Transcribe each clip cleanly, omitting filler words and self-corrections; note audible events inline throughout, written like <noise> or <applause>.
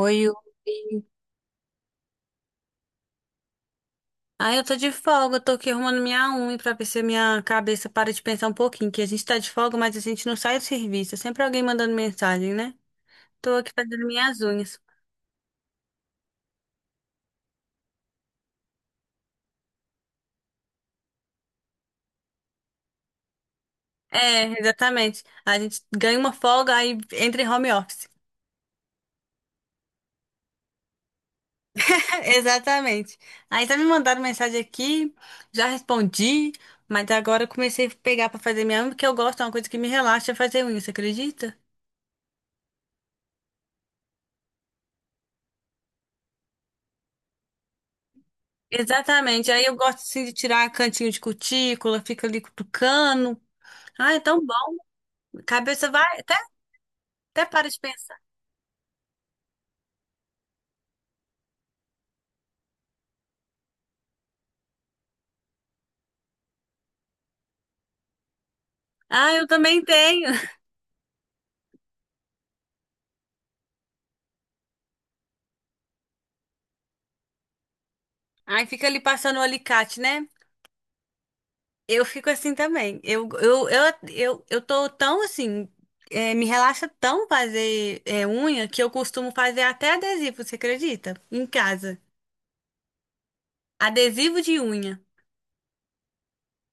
Oi, oi. Ah, eu tô de folga, eu tô aqui arrumando minha unha pra ver se minha cabeça para de pensar um pouquinho, que a gente tá de folga, mas a gente não sai do serviço. É sempre alguém mandando mensagem, né? Tô aqui fazendo minhas unhas. É, exatamente. A gente ganha uma folga, aí entra em home office. <laughs> Exatamente. Aí tá me mandando mensagem aqui, já respondi, mas agora eu comecei a pegar pra fazer minha unha, porque eu gosto, é uma coisa que me relaxa é fazer unha, você acredita? Exatamente. Aí eu gosto assim de tirar cantinho de cutícula, fica ali cutucando. Ah, é tão bom. Cabeça vai, até, até para de pensar. Ah, eu também tenho. <laughs> Aí fica ali passando o alicate, né? Eu fico assim também. Eu tô tão assim, me relaxa tão fazer unha que eu costumo fazer até adesivo, você acredita? Em casa. Adesivo de unha.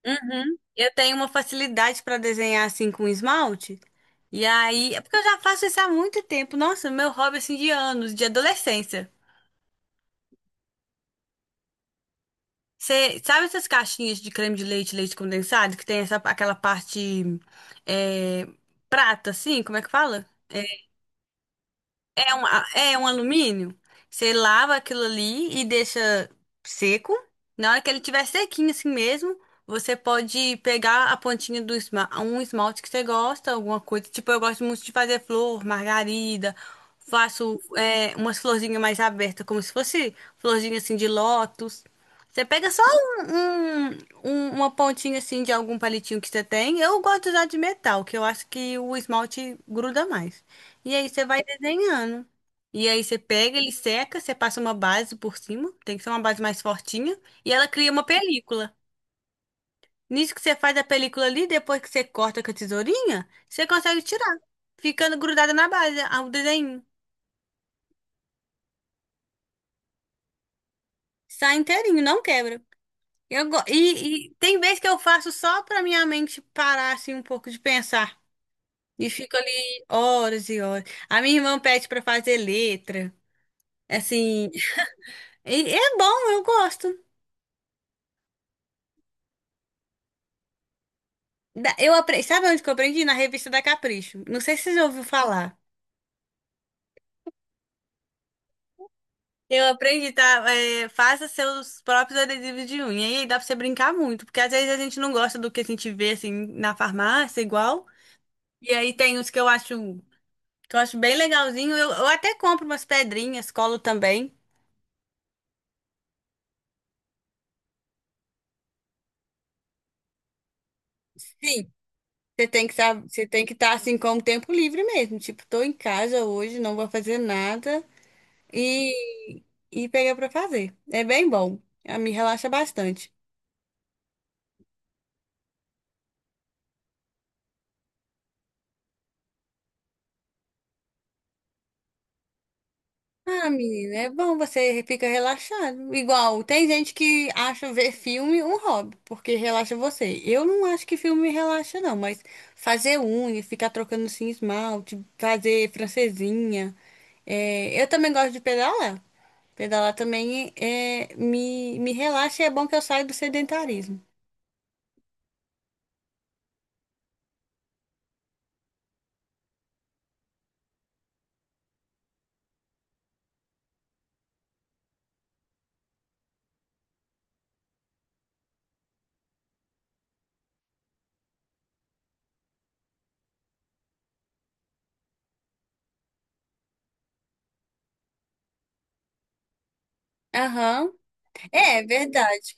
Uhum. Eu tenho uma facilidade para desenhar assim com esmalte. E aí, é porque eu já faço isso há muito tempo. Nossa, meu hobby assim de anos, de adolescência. Você sabe essas caixinhas de creme de leite, leite condensado, que tem essa, aquela parte é, prata, assim? Como é que fala? É um, é um alumínio. Você lava aquilo ali e deixa seco. Na hora que ele tiver sequinho assim mesmo, você pode pegar a pontinha do um esmalte que você gosta, alguma coisa. Tipo, eu gosto muito de fazer flor, margarida. Faço umas florzinhas mais abertas, como se fosse florzinha assim de lótus. Você pega só um, um- uma pontinha assim de algum palitinho que você tem. Eu gosto de usar de metal, que eu acho que o esmalte gruda mais. E aí você vai desenhando. E aí você pega, ele seca, você passa uma base por cima, tem que ser uma base mais fortinha, e ela cria uma película. Nisso que você faz a película ali, depois que você corta com a tesourinha, você consegue tirar, ficando grudada na base, o desenho. Sai inteirinho, não quebra. E, e tem vezes que eu faço só pra minha mente parar assim um pouco de pensar. E fico ali horas e horas. A minha irmã pede pra fazer letra. Assim, <laughs> e é bom, eu gosto. Eu aprendi, sabe onde que eu aprendi? Na revista da Capricho. Não sei se você já ouviu falar. Eu aprendi, tá? É, faça seus próprios adesivos de unha. E aí dá pra você brincar muito, porque às vezes a gente não gosta do que a gente vê assim na farmácia, igual. E aí tem os que eu acho bem legalzinho. Eu até compro umas pedrinhas, colo também. Sim. Você tem que estar assim com o tempo livre mesmo. Tipo, tô em casa hoje, não vou fazer nada. E, e pegar pra fazer. É bem bom. Ah, me relaxa bastante. Ah, menina, é bom, você fica relaxado. Igual, tem gente que acha ver filme um hobby, porque relaxa você. Eu não acho que filme relaxa, não, mas fazer unha, ficar trocando assim, esmalte, fazer francesinha. Eu também gosto de pedalar. Pedalar também me relaxa e é bom que eu saio do sedentarismo. Aham, é é verdade.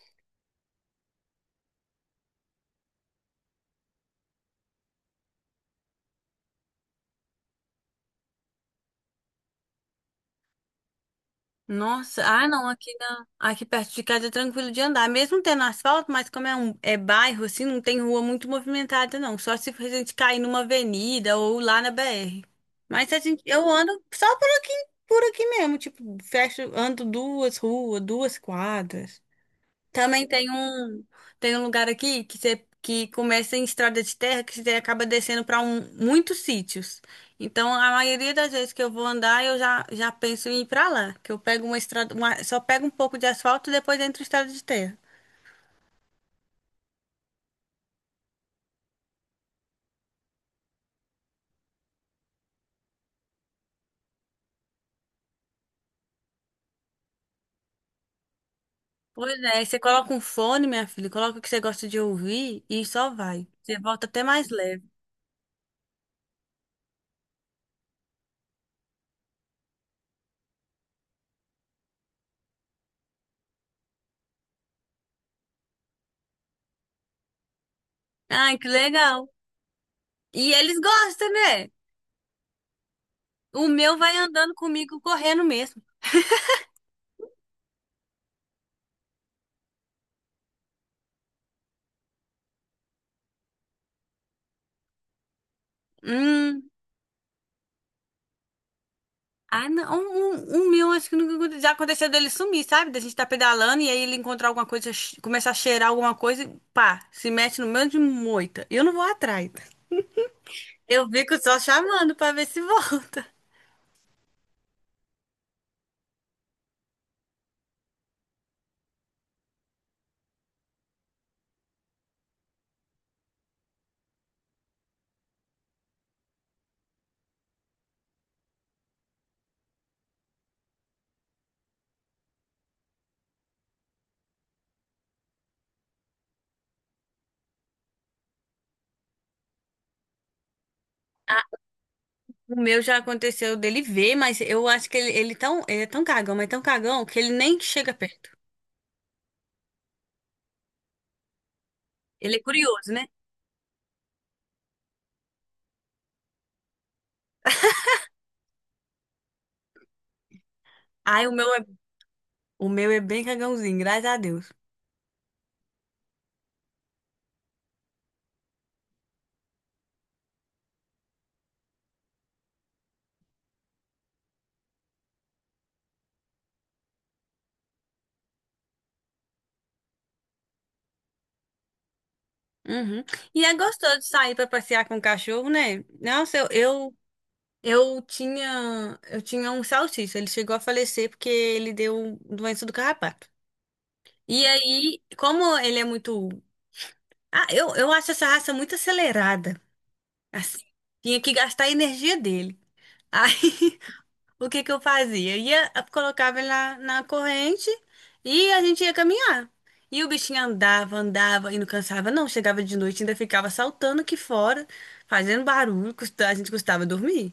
Nossa, ah não, aqui perto de casa é tranquilo de andar, mesmo tendo asfalto, mas como é um bairro assim, não tem rua muito movimentada não, só se a gente cair numa avenida ou lá na BR. Mas a gente eu ando só por aqui mesmo, tipo, fecho, ando duas ruas, duas quadras. Também tem um lugar aqui que você que começa em estrada de terra que você acaba descendo para muitos sítios. Então, a maioria das vezes que eu vou andar, já penso em ir para lá, que eu pego uma estrada, só pego um pouco de asfalto e depois entro em estrada de terra. Pois é, aí você coloca um fone, minha filha, coloca o que você gosta de ouvir e só vai. Você volta até mais leve. Ai, que legal. E eles gostam, né? O meu vai andando comigo correndo mesmo. Hum. Ah, não, o meu acho que nunca aconte- já aconteceu dele sumir, sabe? Da gente tá pedalando e aí ele encontrar alguma coisa, começar a cheirar alguma coisa e pá, se mete no meio de moita. Eu não vou atrás. Eu fico só chamando pra ver se volta. Ah, o meu já aconteceu dele ver, mas eu acho que ele é tão cagão, mas tão cagão que ele nem chega perto. Ele é curioso, né? Ai, o meu é, O meu é bem cagãozinho, graças a Deus. Uhum. E é gostoso de sair pra passear com o cachorro, né? Nossa, eu tinha um salsicha, ele chegou a falecer porque ele deu doença do carrapato. E aí, como ele é muito. Ah, eu acho essa raça muito acelerada. Assim, tinha que gastar a energia dele. Aí, <laughs> o que que eu fazia? Ia, colocava ele na corrente e a gente ia caminhar. E o bichinho andava, andava e não cansava, não. Chegava de noite, ainda ficava saltando aqui fora, fazendo barulho, a gente custava dormir.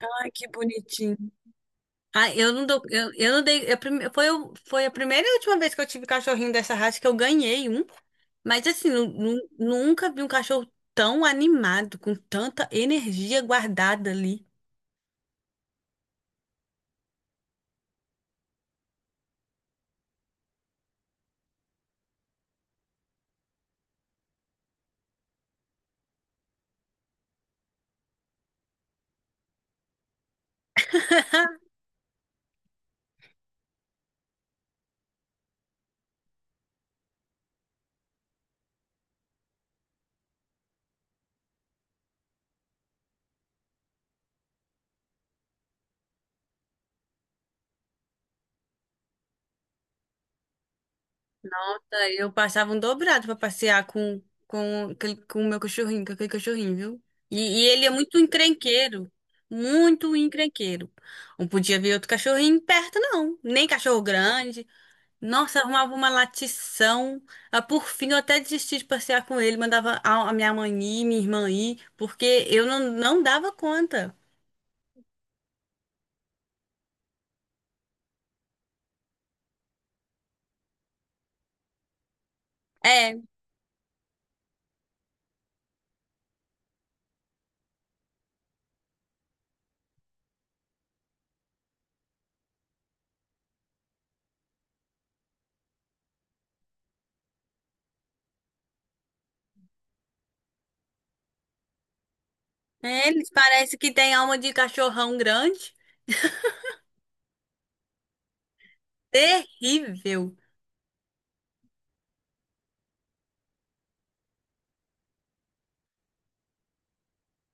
Ai, que bonitinho. Ah, eu não dei, eu prime- foi, o- foi a primeira e última vez que eu tive cachorrinho dessa raça que eu ganhei um, mas assim, nunca vi um cachorro tão animado, com tanta energia guardada ali. <laughs> Aí eu passava um dobrado pra passear com o meu cachorrinho, com aquele cachorrinho, viu? E ele é muito encrenqueiro, muito encrenqueiro. Não podia ver outro cachorrinho perto, não. Nem cachorro grande, nossa, arrumava uma latição. Ah, por fim, eu até desisti de passear com ele. Mandava a minha mãe ir, minha irmã ir, porque eu não, não dava conta. É, Eles parecem que têm alma de cachorrão grande. Terrível.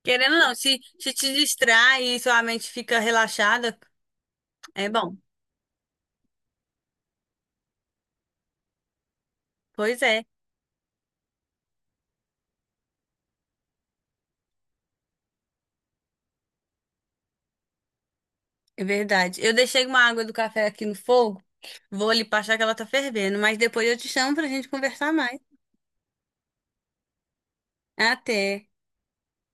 Querendo ou não, se te distrai e sua mente fica relaxada, é bom. Pois é, é verdade. Eu deixei uma água do café aqui no fogo. Vou ali passar que ela tá fervendo, mas depois eu te chamo pra gente conversar mais. Até.